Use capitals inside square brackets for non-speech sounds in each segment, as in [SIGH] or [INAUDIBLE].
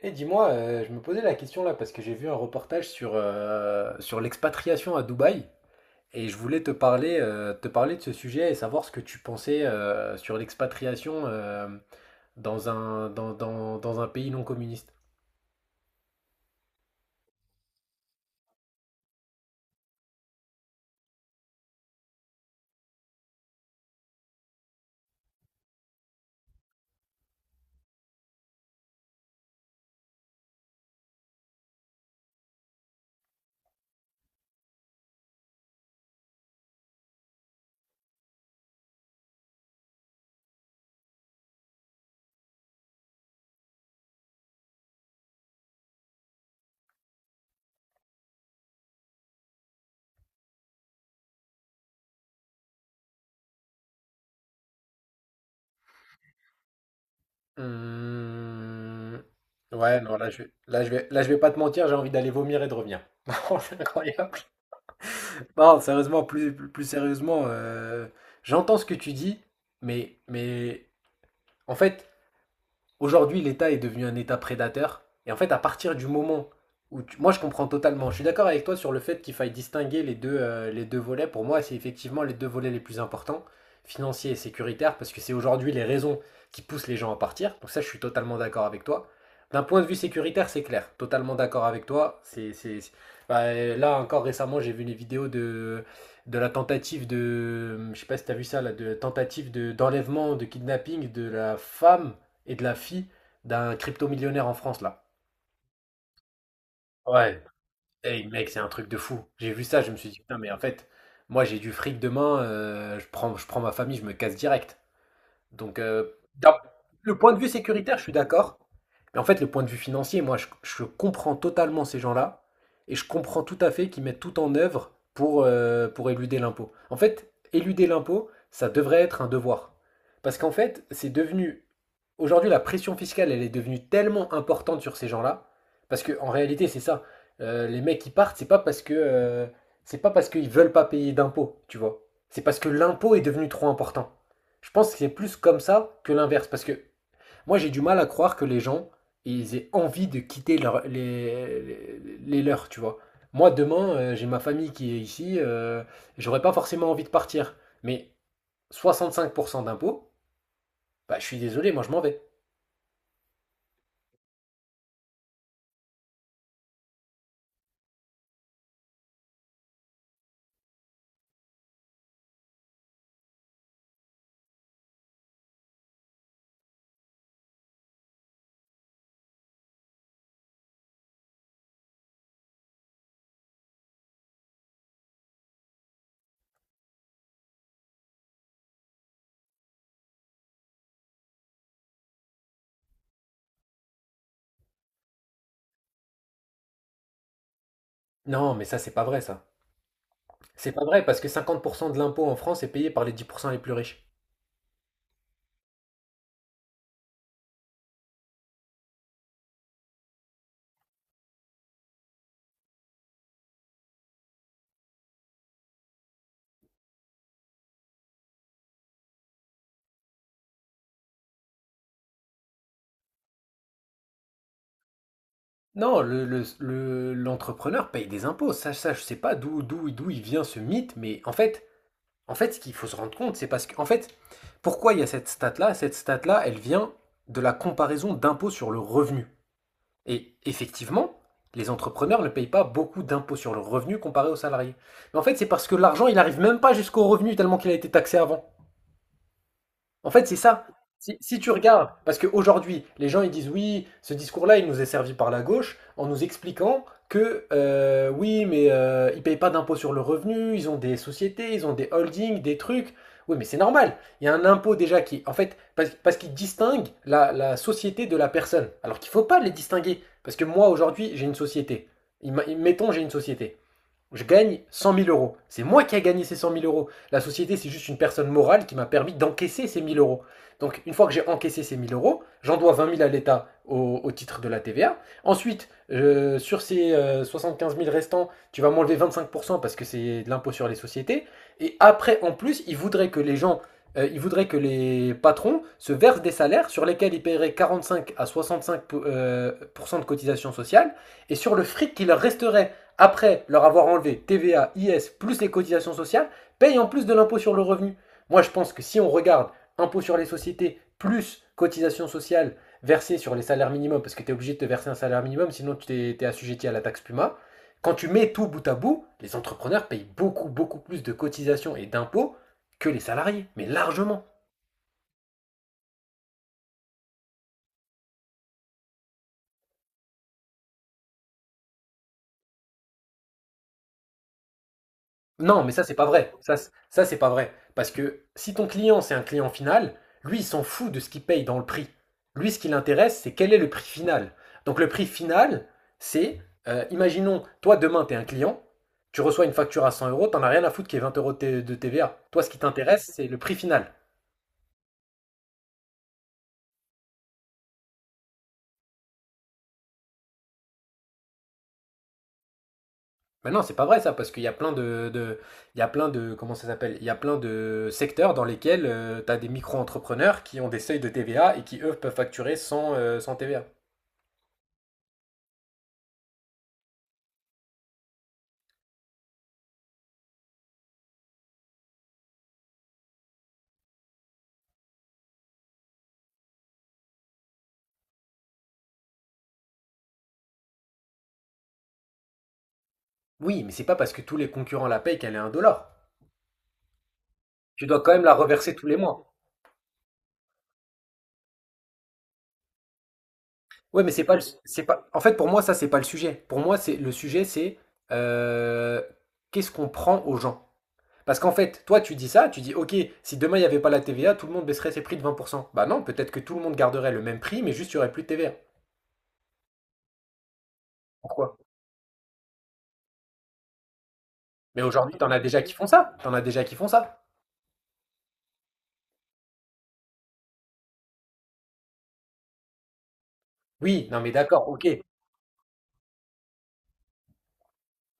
Et dis-moi, je me posais la question là parce que j'ai vu un reportage sur, sur l'expatriation à Dubaï et je voulais te parler de ce sujet et savoir ce que tu pensais sur l'expatriation dans un, dans, dans un pays non communiste. Hum, Ouais, non, là je vais pas te mentir, j'ai envie d'aller vomir et de revenir. [LAUGHS] Non, c'est incroyable. Non, sérieusement, plus sérieusement, j'entends ce que tu dis, mais en fait. Aujourd'hui, l'État est devenu un État prédateur. Et en fait, à partir du moment où moi je comprends totalement, je suis d'accord avec toi sur le fait qu'il faille distinguer les deux volets. Pour moi, c'est effectivement les deux volets les plus importants, financiers et sécuritaires, parce que c'est aujourd'hui les raisons qui poussent les gens à partir. Donc ça, je suis totalement d'accord avec toi. D'un point de vue sécuritaire, c'est clair, totalement d'accord avec toi. Bah, là encore récemment, j'ai vu les vidéos de, la tentative de, je sais pas si t'as vu ça, là, de tentative de, d'enlèvement, de kidnapping de la femme et de la fille d'un crypto-millionnaire en France, là. Ouais. Hey, mec, c'est un truc de fou. J'ai vu ça, je me suis dit, putain, mais en fait, moi, j'ai du fric demain, je prends ma famille, je me casse direct. Donc, d'un- le point de vue sécuritaire, je suis d'accord. Mais en fait, le point de vue financier, moi, je comprends totalement ces gens-là. Et je comprends tout à fait qu'ils mettent tout en œuvre pour éluder l'impôt. En fait, éluder l'impôt, ça devrait être un devoir. Parce qu'en fait, c'est devenu. Aujourd'hui, la pression fiscale, elle est devenue tellement importante sur ces gens-là. Parce que en réalité, c'est ça. Les mecs qui partent, c'est pas parce que. C'est pas parce qu'ils veulent pas payer d'impôts, tu vois. C'est parce que l'impôt est devenu trop important. Je pense que c'est plus comme ça que l'inverse. Parce que moi, j'ai du mal à croire que les gens, ils aient envie de quitter les leurs, tu vois. Moi, demain, j'ai ma famille qui est ici, j'aurais pas forcément envie de partir. Mais 65% d'impôts, bah, je suis désolé, moi, je m'en vais. Non, mais ça, c'est pas vrai, ça. C'est pas vrai, parce que 50% de l'impôt en France est payé par les 10% les plus riches. Non, l'entrepreneur paye des impôts. Ça, je sais pas d'où il vient ce mythe, mais en fait, ce qu'il faut se rendre compte, c'est parce que, en fait, pourquoi il y a cette stat-là. Cette stat-là, elle vient de la comparaison d'impôts sur le revenu. Et effectivement, les entrepreneurs ne payent pas beaucoup d'impôts sur le revenu comparé aux salariés. Mais en fait, c'est parce que l'argent, il n'arrive même pas jusqu'au revenu tellement qu'il a été taxé avant. En fait, c'est ça. Si tu regardes, parce qu'aujourd'hui, les gens ils disent oui, ce discours-là, il nous est servi par la gauche en nous expliquant que oui, mais ils ne payent pas d'impôt sur le revenu, ils ont des sociétés, ils ont des holdings, des trucs. Oui, mais c'est normal. Il y a un impôt déjà qui, en fait, parce qu'il distingue la société de la personne. Alors qu'il ne faut pas les distinguer. Parce que moi, aujourd'hui, j'ai une société. Mettons, j'ai une société. Je gagne 100 000 euros. C'est moi qui ai gagné ces 100 000 euros. La société, c'est juste une personne morale qui m'a permis d'encaisser ces 1 000 euros. Donc, une fois que j'ai encaissé ces 1 000 euros, j'en dois 20 000 à l'État au titre de la TVA. Ensuite, sur ces 75 000 restants, tu vas m'enlever 25% parce que c'est de l'impôt sur les sociétés. Et après, en plus, ils voudraient que les patrons se versent des salaires sur lesquels ils paieraient 45 à 65 pour cent de cotisation sociale. Et sur le fric qui leur resterait après leur avoir enlevé TVA, IS, plus les cotisations sociales, payent en plus de l'impôt sur le revenu. Moi, je pense que si on regarde impôt sur les sociétés, plus cotisations sociales versées sur les salaires minimums, parce que tu es obligé de te verser un salaire minimum, sinon t'es assujetti à la taxe Puma, quand tu mets tout bout à bout, les entrepreneurs payent beaucoup, beaucoup plus de cotisations et d'impôts que les salariés, mais largement. Non, mais ça, c'est pas vrai. Ça, ça c'est pas vrai. Parce que si ton client, c'est un client final, lui, il s'en fout de ce qu'il paye dans le prix. Lui, ce qui l'intéresse, c'est quel est le prix final. Donc, le prix final, c'est, imaginons, toi, demain, tu es un client, tu reçois une facture à 100 euros, t'en as rien à foutre qu'il y ait 20 euros de TVA. Toi, ce qui t'intéresse, c'est le prix final. Mais non, c'est pas vrai ça, parce qu'il y a il y a plein de, comment ça s'appelle? Il y a plein de secteurs dans lesquels tu as des micro-entrepreneurs qui ont des seuils de TVA et qui, eux, peuvent facturer sans, sans TVA. Oui, mais c'est pas parce que tous les concurrents la payent qu'elle est un dollar. Tu dois quand même la reverser tous les mois. Ouais, mais c'est pas le, c'est pas. En fait, pour moi, ça, c'est pas le sujet. Pour moi, c'est le sujet, c'est euh, qu'est-ce qu'on prend aux gens. Parce qu'en fait, toi, tu dis ça, tu dis, ok, si demain il n'y avait pas la TVA, tout le monde baisserait ses prix de 20%. Bah non, peut-être que tout le monde garderait le même prix, mais juste il n'y aurait plus de TVA. Pourquoi? Mais aujourd'hui, t'en as déjà qui font ça. T'en as déjà qui font ça. Oui, non, mais d'accord, ok.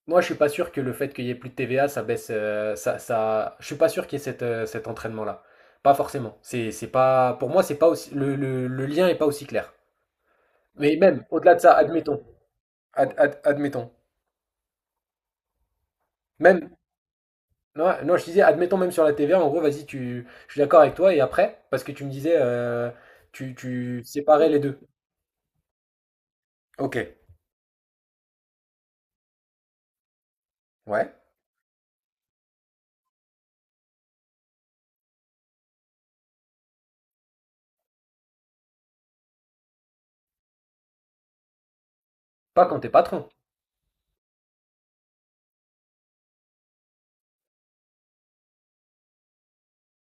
Moi, je suis pas sûr que le fait qu'il y ait plus de TVA, ça baisse, ça, je suis pas sûr qu'il y ait cette, cet entraînement-là. Pas forcément. C'est pas, pour moi, c'est pas aussi, le lien est pas aussi clair. Mais même, au-delà de ça, admettons, même, non, je disais, admettons même sur la TVA, en gros, vas-y, je suis d'accord avec toi, et après, parce que tu me disais, tu séparais les deux. Ok, ouais. Pas quand t'es patron.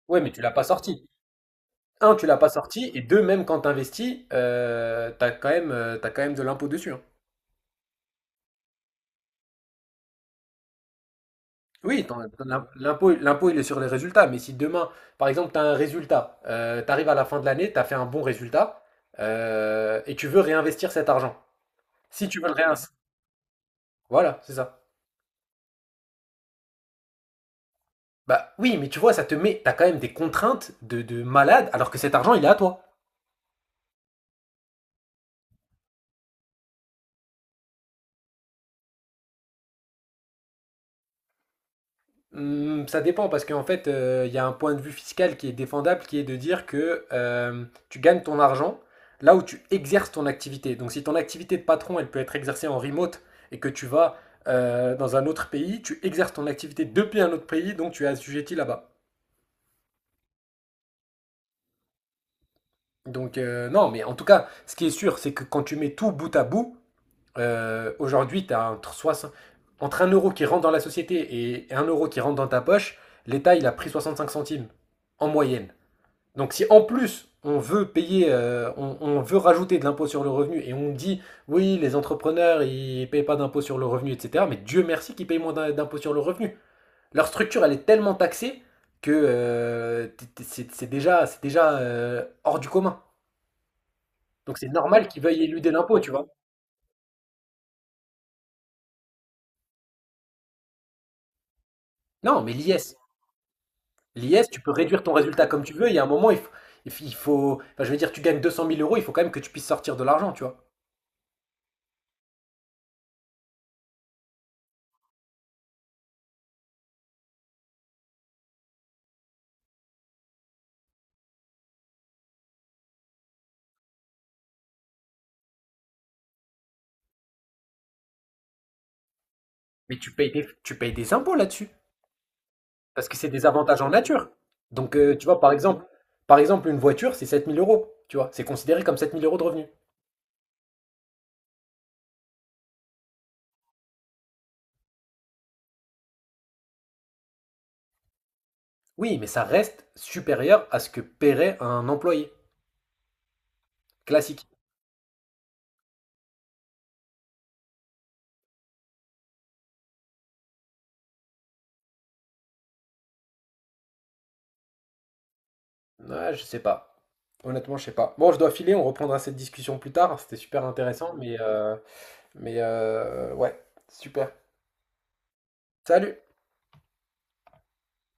Ouais, mais tu l'as pas sorti. Un, tu l'as pas sorti, et deux, même quand t'investis, t'as quand même de l'impôt dessus. Hein. Oui, l'impôt, il est sur les résultats. Mais si demain, par exemple, tu as un résultat, tu arrives à la fin de l'année, tu as fait un bon résultat et tu veux réinvestir cet argent. Si tu veux le réinvestir. Voilà, c'est ça. Bah oui, mais tu vois, ça te met, t'as quand même des contraintes de malade alors que cet argent, il est à toi. Hmm, ça dépend parce qu'en fait, il y a un point de vue fiscal qui est défendable, qui est de dire que tu gagnes ton argent là où tu exerces ton activité. Donc si ton activité de patron, elle peut être exercée en remote et que tu vas dans un autre pays, tu exerces ton activité depuis un autre pays, donc tu es assujetti là-bas. Donc non, mais en tout cas, ce qui est sûr, c'est que quand tu mets tout bout à bout, aujourd'hui, tu as entre un euro qui rentre dans la société et un euro qui rentre dans ta poche, l'État, il a pris 65 centimes en moyenne. Donc si en plus on veut payer, on veut rajouter de l'impôt sur le revenu et on dit oui les entrepreneurs ils payent pas d'impôt sur le revenu etc. Mais Dieu merci qu'ils payent moins d'impôt sur le revenu. Leur structure elle est tellement taxée que c'est déjà hors du commun. Donc c'est normal qu'ils veuillent éluder l'impôt tu vois. Non mais l'IS tu peux réduire ton résultat comme tu veux. Il y a un moment il faut, enfin, je veux dire tu gagnes 200 000 euros il faut quand même que tu puisses sortir de l'argent tu vois. Mais tu payes des impôts là-dessus. Parce que c'est des avantages en nature. Donc, tu vois, par exemple, une voiture, c'est 7 000 euros. Tu vois, c'est considéré comme 7 000 euros de revenus. Oui, mais ça reste supérieur à ce que paierait un employé classique. Ouais, je sais pas. Honnêtement, je sais pas. Bon, je dois filer, on reprendra cette discussion plus tard. C'était super intéressant, mais ouais, super. Salut!